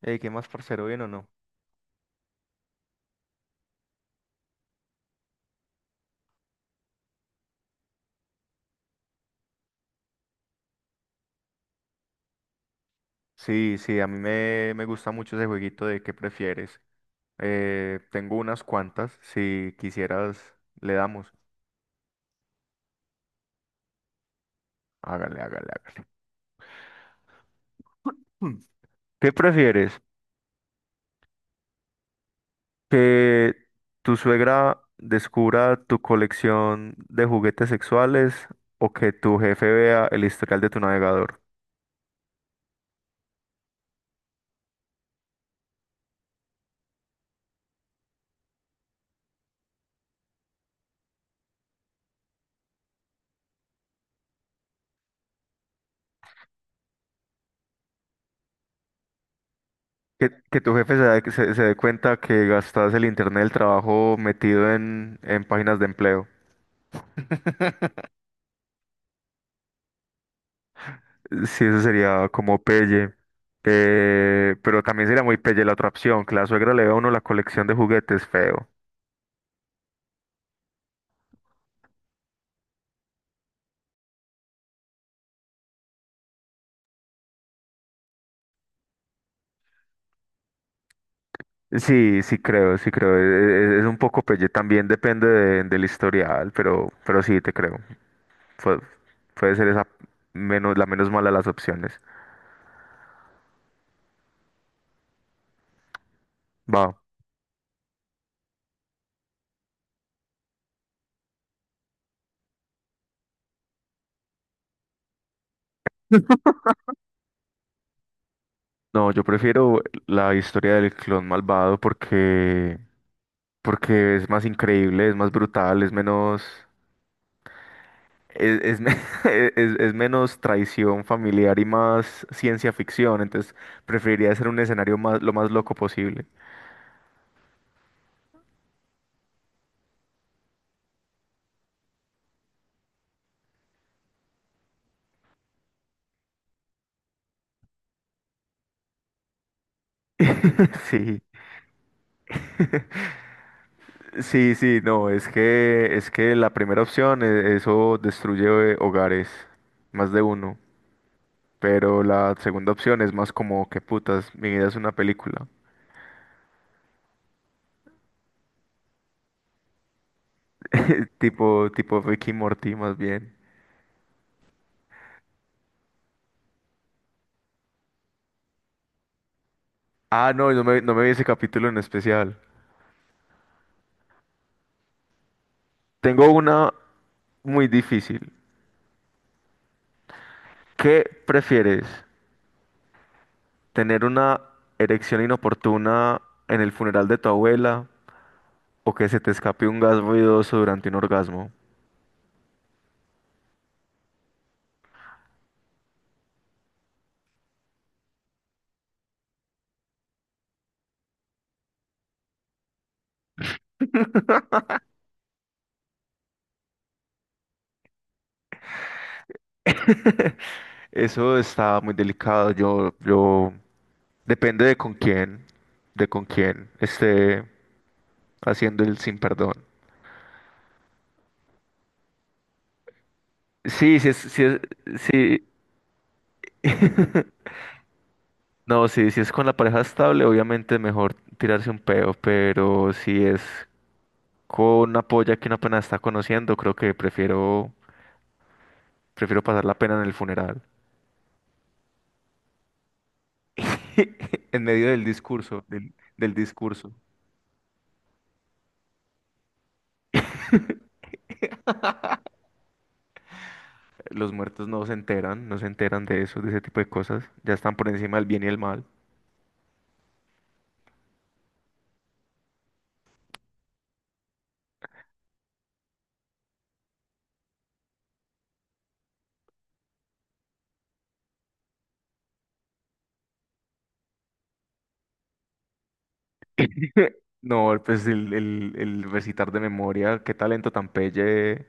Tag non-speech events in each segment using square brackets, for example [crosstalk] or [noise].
Ey, ¿qué más, parcero? ¿Bien o no? Sí, sí, a mí me gusta mucho ese jueguito de qué prefieres. Tengo unas cuantas, si quisieras, le damos. Hágale, hágale, hágale. Hmm. ¿Qué prefieres? ¿Que tu suegra descubra tu colección de juguetes sexuales o que tu jefe vea el historial de tu navegador? Que tu jefe se dé cuenta que gastas el internet del trabajo metido en páginas de empleo. Sí, eso sería como pelle. Pero también sería muy pelle la otra opción, que la suegra le vea a uno la colección de juguetes feo. Sí, sí creo, sí creo. Es un poco pelle, también depende del historial, pero sí te creo. Pu- Puede ser esa menos, la menos mala de las opciones. Va. No, yo prefiero la historia del clon malvado porque, porque es más increíble, es más brutal, es menos. Es, es me- [laughs] es menos traición familiar y más ciencia ficción, entonces preferiría hacer un escenario más, lo más loco posible. [laughs] Sí, sí, sí, no, es que la primera opción, eso destruye hogares, más de uno, pero la segunda opción es más como que putas, mi vida es una película, [laughs] tipo, tipo Ricky y Morty más bien. Ah, no, no me vi ese capítulo en especial. Tengo una muy difícil. ¿Qué prefieres? Tener una erección inoportuna en el funeral de tu abuela o que se te escape un gas ruidoso durante un orgasmo. Eso está muy delicado. Yo, depende de con quién esté haciendo el sin perdón. Sí, sí, es, sí, sí, no, sí, si es con la pareja estable, obviamente es mejor tirarse un peo, pero si es con una polla que una pena está conociendo, creo que prefiero, prefiero pasar la pena en el funeral. [laughs] En medio del discurso, del discurso, los muertos no se enteran, no se enteran de eso, de ese tipo de cosas. Ya están por encima del bien y el mal. No, pues el recitar de memoria, qué talento tan pelle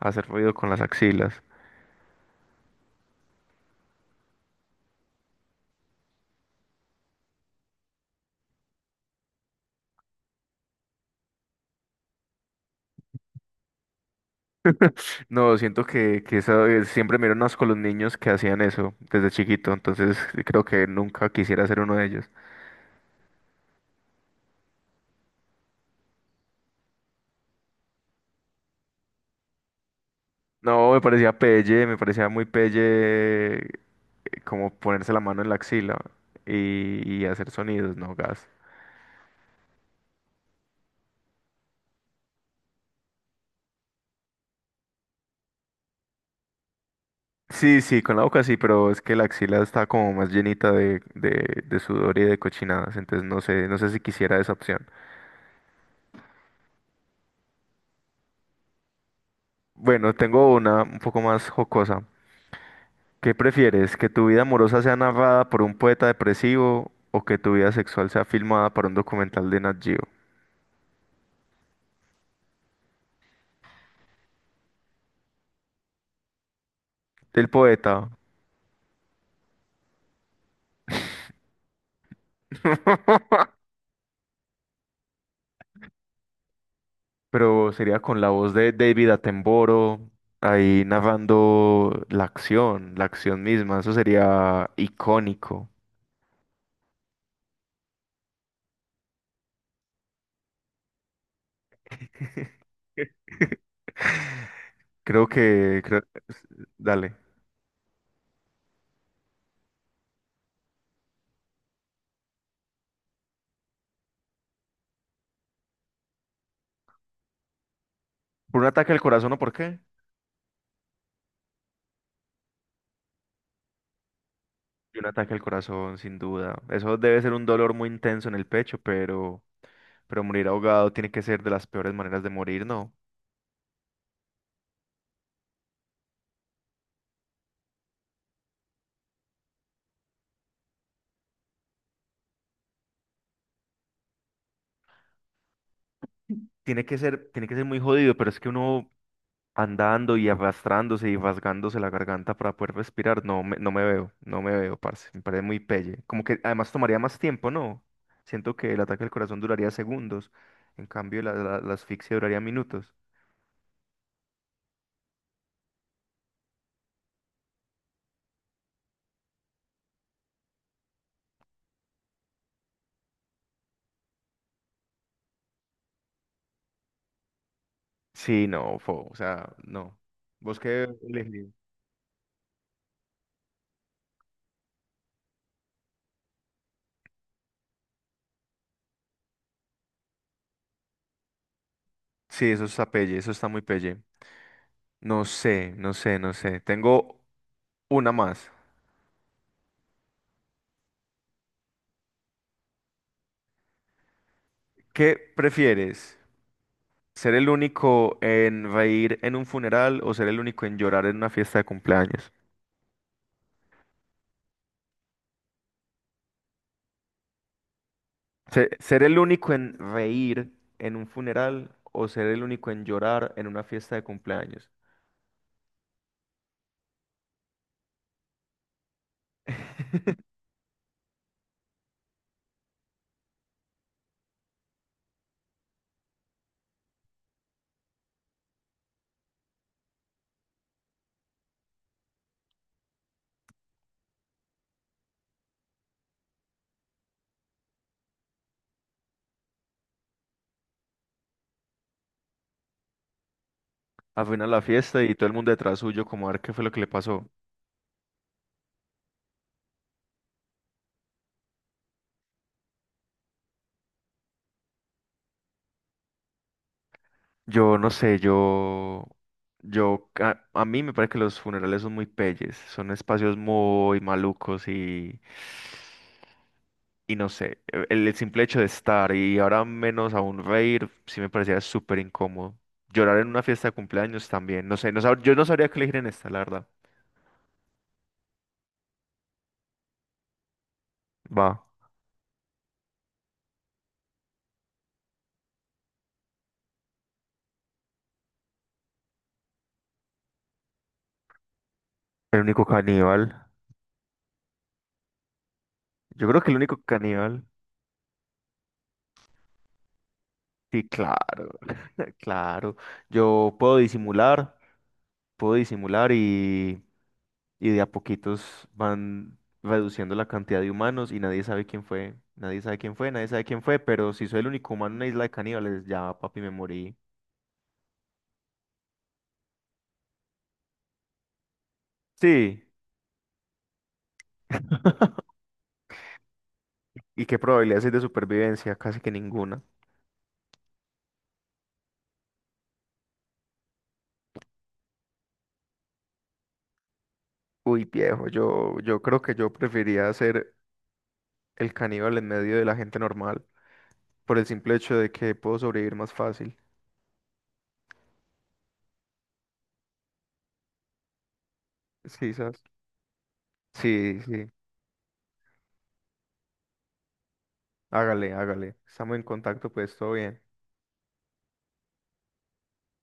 hacer ruido con las axilas. No, siento que eso, siempre me dieron asco los niños que hacían eso desde chiquito, entonces creo que nunca quisiera ser uno de ellos. No, me parecía pelle, me parecía muy pelle, eh, como ponerse la mano en la axila y hacer sonidos, no, gas. Sí, sí, con la boca sí, pero es que la axila está como más llenita de sudor y de cochinadas, entonces no sé, no sé si quisiera esa opción. Bueno, tengo una un poco más jocosa. ¿Qué prefieres? ¿Que tu vida amorosa sea narrada por un poeta depresivo o que tu vida sexual sea filmada para un documental de Nat Geo? El poeta, pero sería con la voz de David Attenborough, ahí narrando la acción misma, eso sería icónico. [laughs] Creo que, creo- Dale. ¿Por un ataque al corazón o por qué? Un ataque al corazón, sin duda. Eso debe ser un dolor muy intenso en el pecho, pero morir ahogado tiene que ser de las peores maneras de morir, ¿no? Tiene que ser muy jodido, pero es que uno andando y arrastrándose y rasgándose la garganta para poder respirar, no me veo, no me veo, parce. Me parece muy pelle. Como que además tomaría más tiempo, ¿no? Siento que el ataque al corazón duraría segundos, en cambio la asfixia duraría minutos. Sí, no, fo, o sea, no. ¿Vos qué elegirías? Sí, eso está pelle, eso está muy pelle. No sé, no sé, no sé. Tengo una más. ¿Qué prefieres? ¿Ser el único en reír en un funeral o ser el único en llorar en una fiesta de cumpleaños? ¿Ser el único en reír en un funeral o ser el único en llorar en una fiesta de cumpleaños? [laughs] Al final la fiesta y todo el mundo detrás suyo como a ver qué fue lo que le pasó. Yo no sé, yo, a mí me parece que los funerales son muy peyes, son espacios muy malucos y no sé, el simple hecho de estar y ahora menos aún reír, sí me parecía súper incómodo. Llorar en una fiesta de cumpleaños también, no sé, yo no sabría qué elegir en esta, la verdad. Va, el único caníbal. Yo creo que el único caníbal. Sí, claro, [laughs] claro. Yo puedo disimular y de a poquitos van reduciendo la cantidad de humanos y nadie sabe quién fue, nadie sabe quién fue, nadie sabe quién fue, pero si soy el único humano en una isla de caníbales, ya papi me morí. Sí. [laughs] ¿Y qué probabilidades hay de supervivencia? Casi que ninguna. Uy, viejo, yo creo que yo preferiría ser el caníbal en medio de la gente normal, por el simple hecho de que puedo sobrevivir más fácil. Sí, ¿sabes? Sí, sí. Hágale, hágale. Estamos en contacto, pues todo bien.